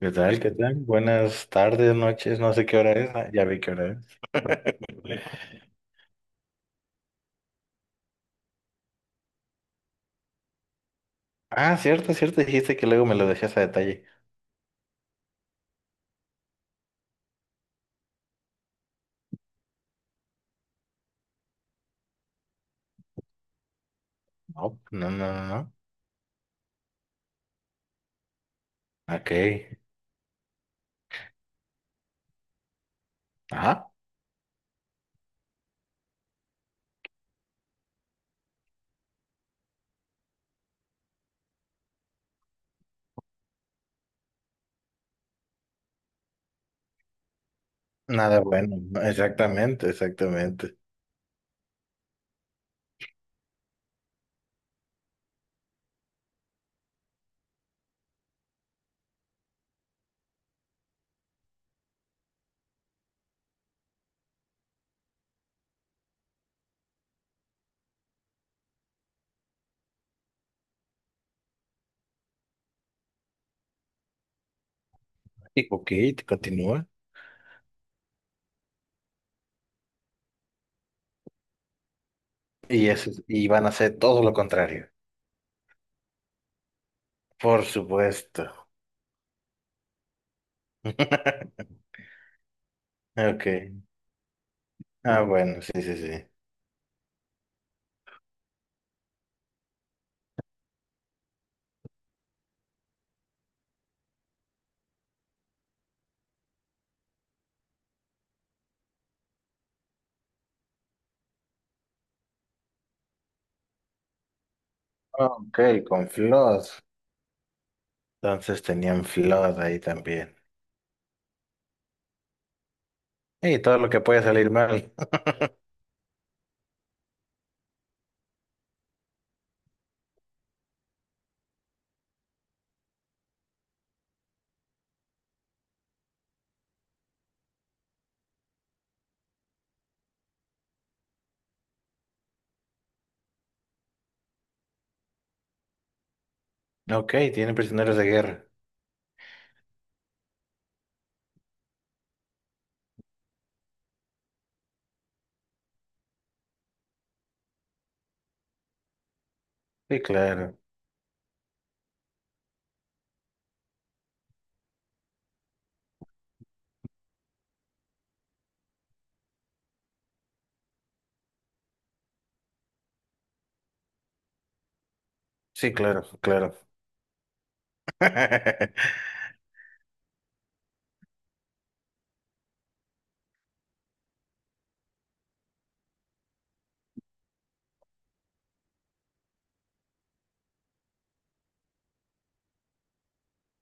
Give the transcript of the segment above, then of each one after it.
¿Qué tal? ¿Qué tal? Buenas tardes, noches, no sé qué hora es, ya vi qué hora es. Ah, cierto, cierto, dijiste que luego me lo decías a detalle. No, no, no, no. No. Ok. Ah, nada bueno. No, exactamente, exactamente. Y, ok, te continúa. Y eso, y van a hacer todo lo contrario. Por supuesto. Ok. Ah, bueno, sí, sí, sí. Ok, con flood. Entonces tenían flood ahí también. Y todo lo que puede salir mal. Ok, tiene prisioneros de guerra. Sí, claro. Sí, claro, claro.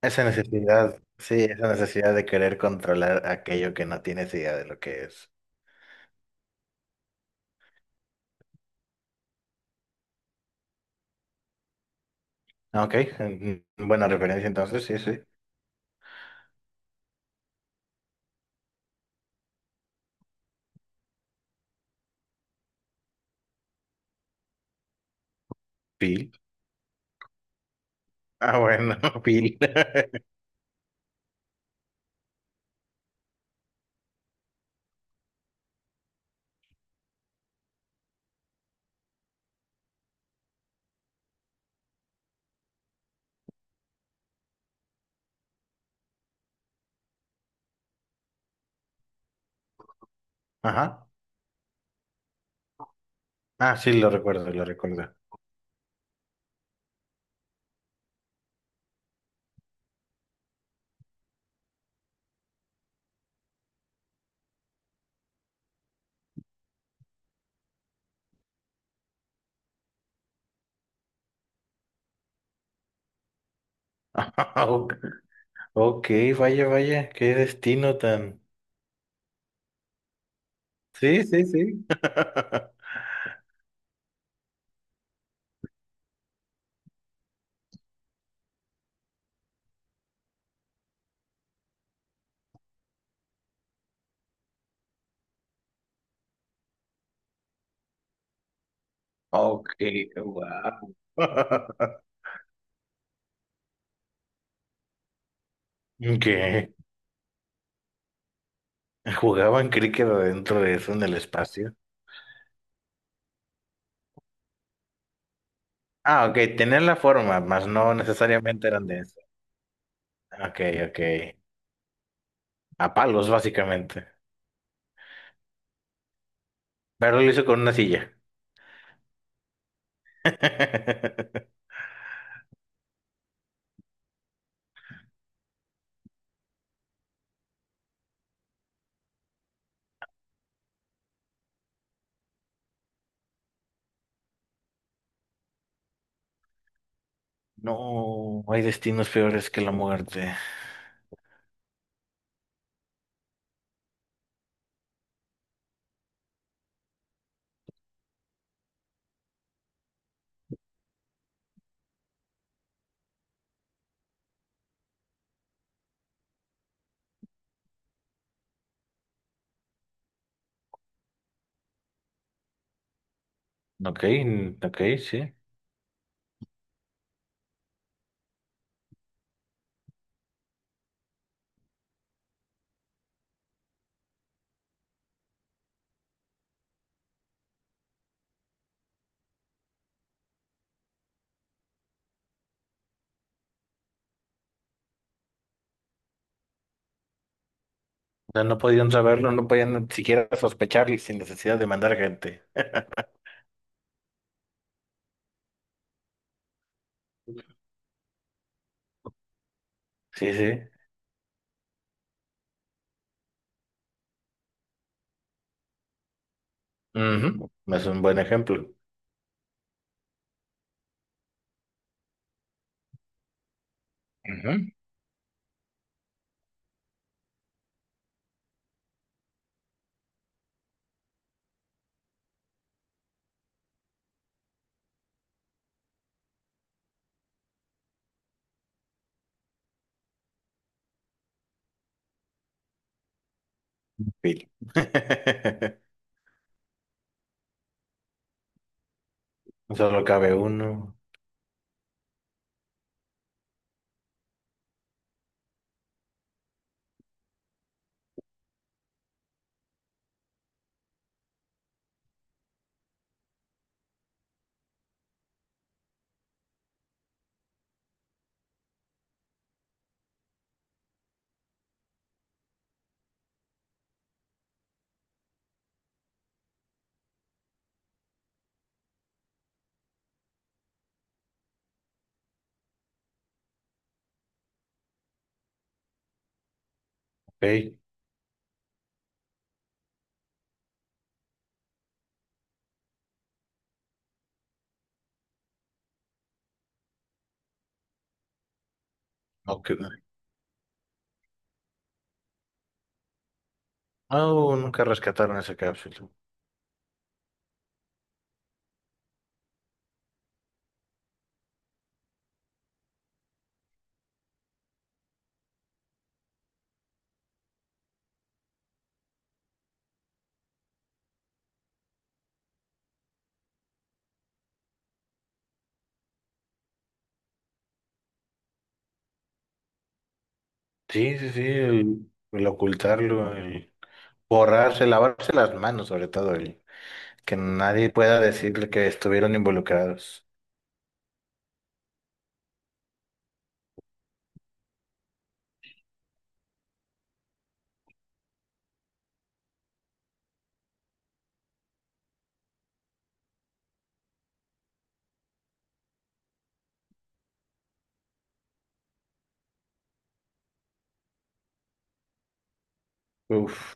Esa necesidad, sí, esa necesidad de querer controlar aquello que no tienes idea de lo que es. Ah, ok, mm, buena referencia entonces, sí, sí. Pil. Ah, bueno, Pil. Ajá. Ah, sí, lo recuerdo, lo recuerdo. Ok, ok, vaya, vaya, qué destino tan. Sí, sí, sí. Ok, wow. Ok, jugaban cricket adentro de eso en el espacio. Ah, ok, tenían la forma, mas no necesariamente eran de eso. Ok, ok. A palos, básicamente. Pero lo hizo con una silla. No, hay destinos peores que la muerte. Ok, mm, ok, sí. O sea, no podían saberlo, no podían ni siquiera sospecharlo sin necesidad de mandar gente. Sí, sí. Ujú, es un buen ejemplo. Ujú. Pil. Solo cabe uno. Ok. Ok. No, nunca rescataron esa cápsula. Sí, sí, sí, el ocultarlo, el borrarse, lavarse las manos, sobre todo, el que nadie pueda decirle que estuvieron involucrados. Uf,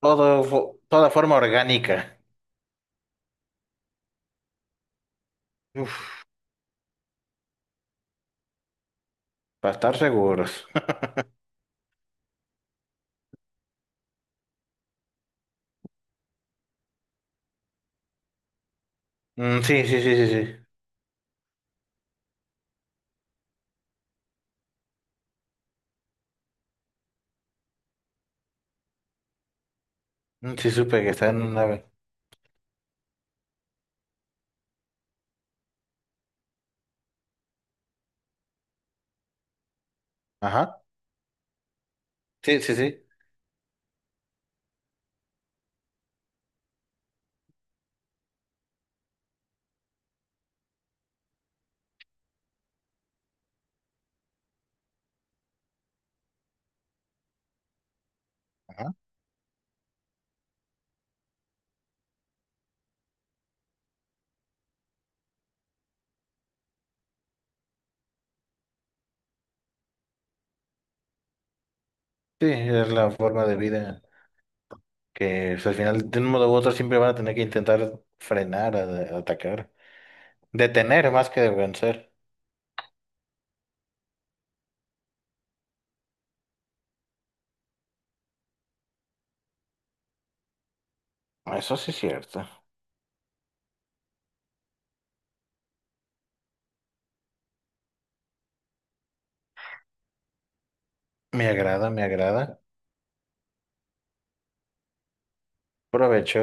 todo, fo- toda forma orgánica. Uf, para estar seguros. Mm, sí, sí, sí, sí, sí. Mm, sí, supe que está en una nave. Ajá. Sí, sí, sí. Ajá. Sí, es la forma de vida que pues, al final, de un modo u otro, siempre van a tener que intentar frenar, a atacar. Detener más que vencer. Eso sí es cierto. Me agrada, me agrada. Provecho.